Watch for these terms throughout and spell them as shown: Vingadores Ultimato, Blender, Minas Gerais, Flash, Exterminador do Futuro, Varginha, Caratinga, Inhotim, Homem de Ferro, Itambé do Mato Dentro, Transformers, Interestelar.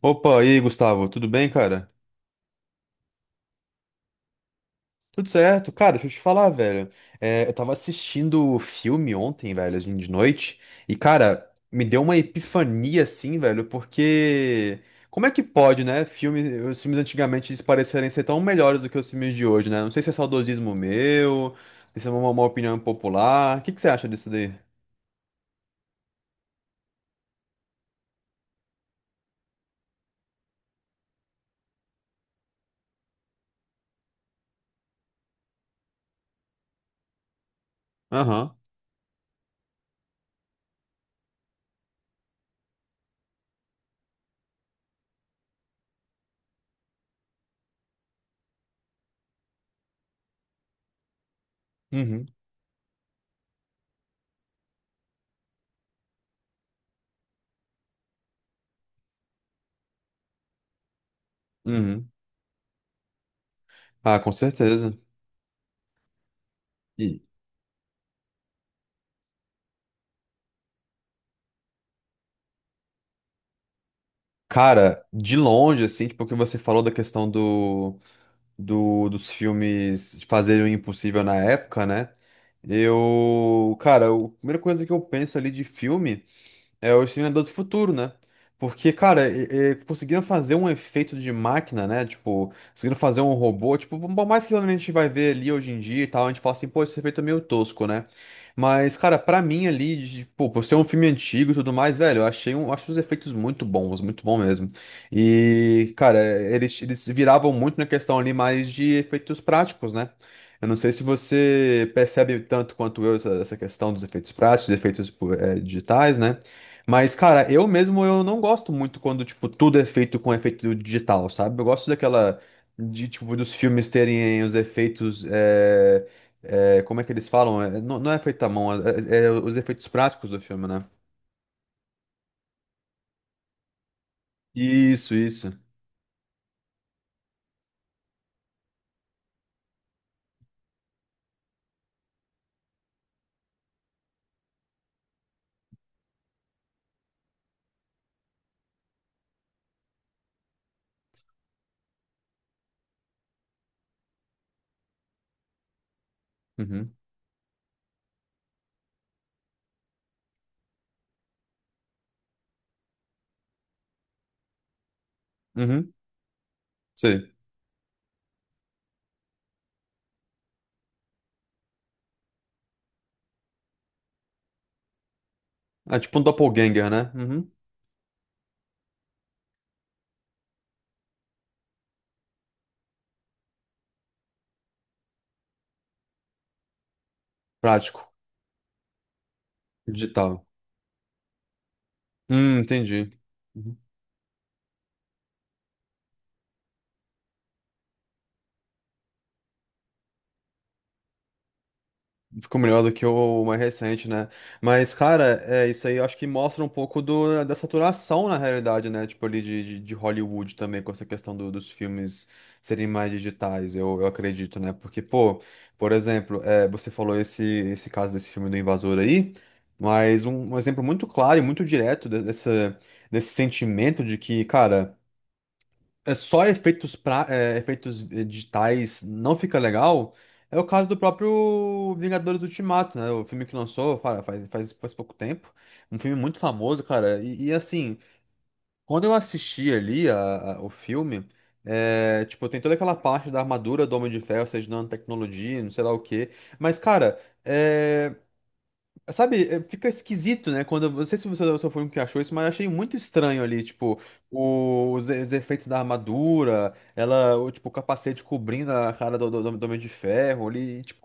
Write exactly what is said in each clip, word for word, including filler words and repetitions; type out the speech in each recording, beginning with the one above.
Opa, e aí, Gustavo, tudo bem, cara? Tudo certo. Cara, deixa eu te falar, velho. É, eu tava assistindo o filme ontem, velho, assim, de noite, e, cara, me deu uma epifania, assim, velho, porque. Como é que pode, né? Filme, os filmes antigamente eles parecerem ser tão melhores do que os filmes de hoje, né? Não sei se é saudosismo meu, se é uma, uma opinião popular. O que que você acha disso daí? Aham. Uhum. Uhum. Ah, com certeza. E, cara, de longe, assim, tipo, o que você falou da questão do. do- dos filmes de Fazer o Impossível na época, né? Eu, cara, eu- a primeira coisa que eu penso ali de filme. É o Exterminador do Futuro, né? Porque, cara, e- e conseguiram fazer um efeito de máquina, né? Tipo, conseguiram fazer um robô. Tipo, por mais que a gente vai ver ali hoje em dia e tal, a gente fala assim, pô, esse efeito é meio tosco, né? Mas, cara, pra mim ali, de- pô, por ser um filme antigo e tudo mais, velho, eu achei um, acho os efeitos muito bons, muito bom mesmo. E, cara, eles, eles viravam muito na questão ali mais de efeitos práticos, né? Eu não sei se você percebe tanto quanto eu essa, essa questão dos efeitos práticos, dos efeitos, pô, eh, digitais, né? Mas, cara, eu mesmo eu não gosto muito quando, tipo, tudo é feito com efeito digital, sabe? Eu gosto daquela, de, tipo, dos filmes terem os efeitos, é, é, como é que eles falam? É, não, não é feito à mão, é, é é os efeitos práticos do filme, né? Isso, isso. Uhum, uhum, sei. É tipo um doppelganger, né? Uhum. Prático, digital. Hum, entendi. Ficou melhor do que o mais recente, né? Mas, cara, é isso aí, eu acho que mostra um pouco do, da saturação na realidade, né? Tipo, ali de, de, de Hollywood também, com essa questão do- dos filmes serem mais digitais, eu, eu acredito, né? Porque, pô, por exemplo, é, você falou esse, esse caso desse filme do Invasor aí, mas um, um exemplo muito claro e muito direto de- dessa, desse sentimento de que, cara, é só efeitos, pra, é, efeitos eh, digitais não fica legal, é o caso do próprio Vingadores Ultimato, né? O filme que lançou fa- faz, faz, faz pouco tempo. Um filme muito famoso, cara. E, e, assim, quando eu assisti ali a- a- o filme, é, tipo, tem toda aquela parte da armadura do Homem de Ferro, ou seja, nanotecnologia, não sei lá o quê. Mas, cara. eh, Sabe, é, fica esquisito, né? Quando, eu não sei se você você foi um que achou isso, mas eu achei muito estranho ali, tipo, o- os, os efeitos da armadura, ela, o, tipo, o capacete cobrindo a cara do, do, do Homem de Ferro ali, tipo.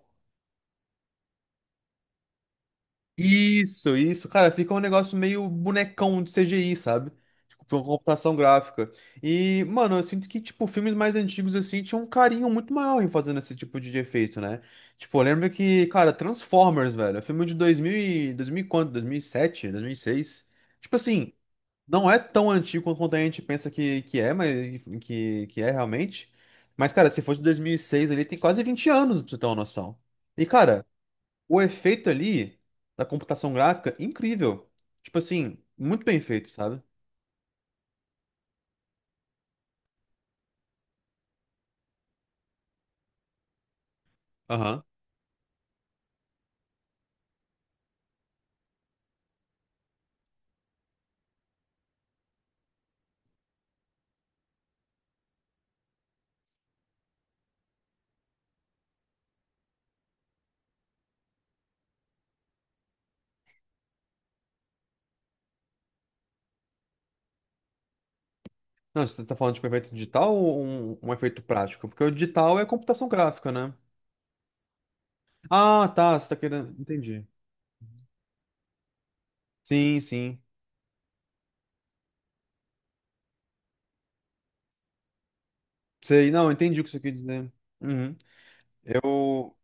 Isso, isso, cara, fica um negócio meio bonecão de C G I, sabe? Tipo, pra uma computação gráfica. E, mano, eu sinto que, tipo, filmes mais antigos, assim, tinham um carinho muito maior em fazendo esse tipo de efeito, né? Tipo, eu lembro que, cara, Transformers, velho, é filme de dois mil e... dois mil e quanto? Dois mil e sete? Dois mil e seis. Tipo assim, não é tão antigo quanto a gente pensa que, que é, mas que, que é realmente. Mas, cara, se fosse de dois mil e seis ali, tem quase vinte anos, pra você ter uma noção. E, cara, o efeito ali da computação gráfica, incrível. Tipo assim, muito bem feito, sabe? Aham. Não, você tá falando de um efeito digital ou um, um efeito prático? Porque o digital é computação gráfica, né? Ah, tá, você tá querendo. Entendi. Sim, sim. Sei, não, entendi o que você quer dizer. Uhum. Eu,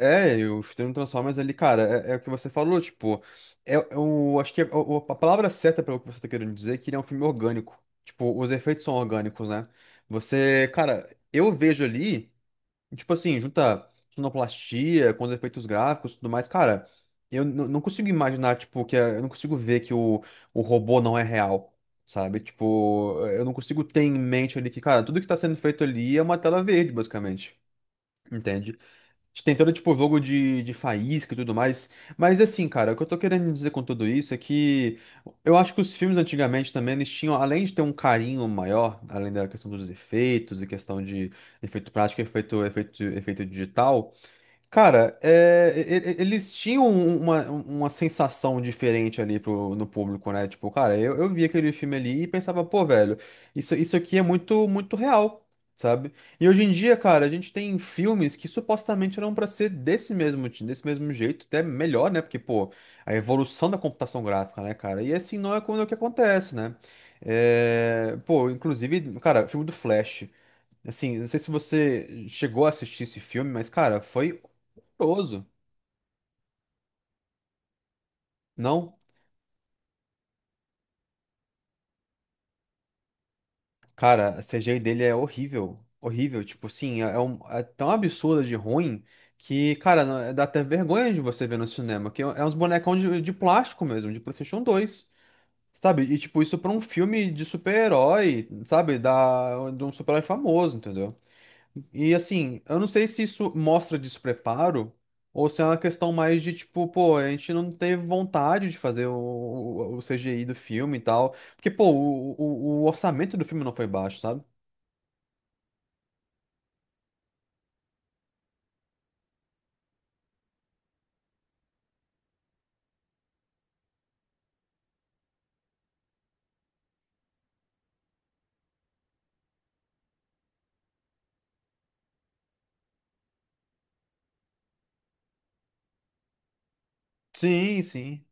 É, e os termos Transformers ali, cara, é, é o que você falou, tipo, é, é o, acho que é o- a palavra certa para o que você tá querendo dizer é que ele é um filme orgânico. Tipo, os efeitos são orgânicos, né? Você, cara, eu vejo ali, tipo assim, junta sonoplastia com os efeitos gráficos e tudo mais, cara, eu n- não consigo imaginar, tipo, que é- eu não consigo ver que o, o robô não é real, sabe? Tipo, eu não consigo ter em mente ali que, cara, tudo que tá sendo feito ali é uma tela verde, basicamente. Entende? Gente tentando, tipo, jogo de, de faísca e tudo mais. Mas, assim, cara, o que eu tô querendo dizer com tudo isso é que eu acho que os filmes antigamente também, eles tinham, além de ter um carinho maior, além da questão dos efeitos e questão de efeito prático, efeito, efeito, efeito digital, cara, é, e- e- eles tinham um, uma, uma sensação diferente ali pro, no público, né? Tipo, cara, eu, eu vi aquele filme ali e pensava, pô, velho, isso, isso aqui é muito, muito real, sabe? E hoje em dia, cara, a gente tem filmes que supostamente eram pra ser desse mesmo, ti- desse mesmo jeito, até melhor, né? Porque, pô, a evolução da computação gráfica, né, cara? E assim não é quando é o que acontece, né? É, pô, inclusive, cara, o filme do Flash. Assim, não sei se você chegou a assistir esse filme, mas, cara, foi horroroso. Não, cara, a C G I dele é horrível. Horrível, tipo assim, é, é um- é tão absurda de ruim que, cara, não- dá até vergonha de você ver no cinema, que é, é uns bonecão de, de plástico mesmo, de PlayStation dois, sabe? E tipo, isso pra um filme de super-herói, sabe? Da, de um super-herói famoso, entendeu? E assim, eu não sei se isso mostra despreparo ou se é uma questão mais de tipo, pô, a gente não teve vontade de fazer o, o, o C G I do filme e tal. Porque, pô, o, o, o orçamento do filme não foi baixo, sabe? Sim, sim.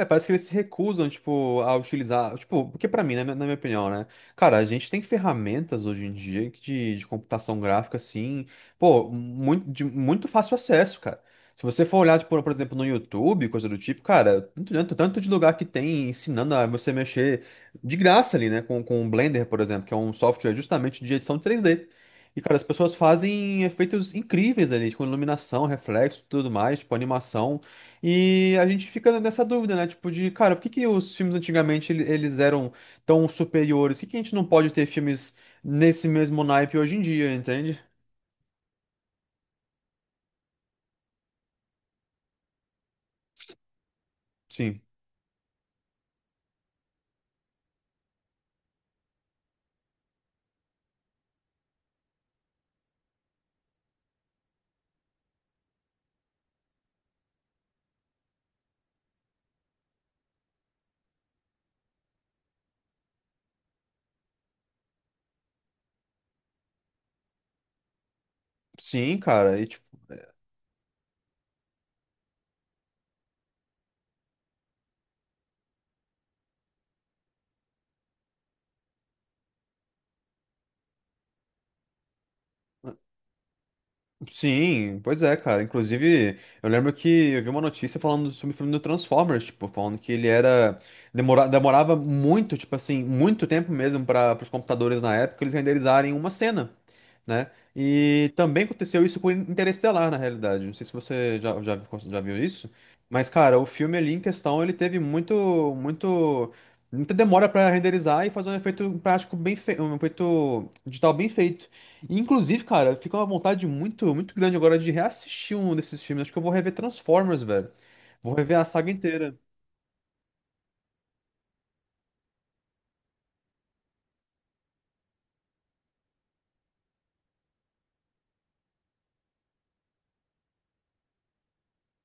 É, parece que eles se recusam, tipo, a utilizar. Tipo, porque pra mim, né, na minha opinião, né? Cara, a gente tem ferramentas hoje em dia que de, de computação gráfica, assim, pô, muito, de muito fácil acesso, cara. Se você for olhar, tipo, por exemplo, no YouTube, coisa do tipo, cara, tanto, tanto, tanto de lugar que tem ensinando a você mexer de graça ali, né? Com, com o Blender, por exemplo, que é um software justamente de edição três D. E, cara, as pessoas fazem efeitos incríveis ali, com iluminação, reflexo, tudo mais, tipo, animação. E a gente fica nessa dúvida, né? Tipo, de, cara, por que que os filmes antigamente ele- eles eram tão superiores? Por que que a gente não pode ter filmes nesse mesmo naipe hoje em dia, entende? Sim. Sim, cara. E, tipo, sim, pois é, cara. Inclusive, eu lembro que eu vi uma notícia falando sobre o filme do Transformers, tipo, falando que ele era. Demora, demorava muito, tipo assim, muito tempo mesmo para os computadores na época eles renderizarem uma cena, né? E também aconteceu isso com Interestelar, na realidade. Não sei se você já, já, já viu isso, mas, cara, o filme ali em questão, ele teve muito, muito, muita demora para renderizar e fazer um efeito prático bem feito, um efeito digital bem feito. E, inclusive, cara, fica uma vontade muito, muito grande agora de reassistir um desses filmes. Acho que eu vou rever Transformers, velho. Vou rever a saga inteira.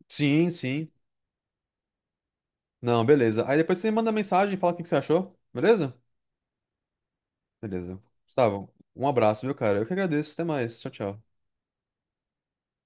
Sim, sim. Não, beleza. Aí depois você me manda mensagem e fala o que que você achou, beleza? Beleza. Gustavo, um abraço, viu, cara? Eu que agradeço. Até mais. Tchau, tchau.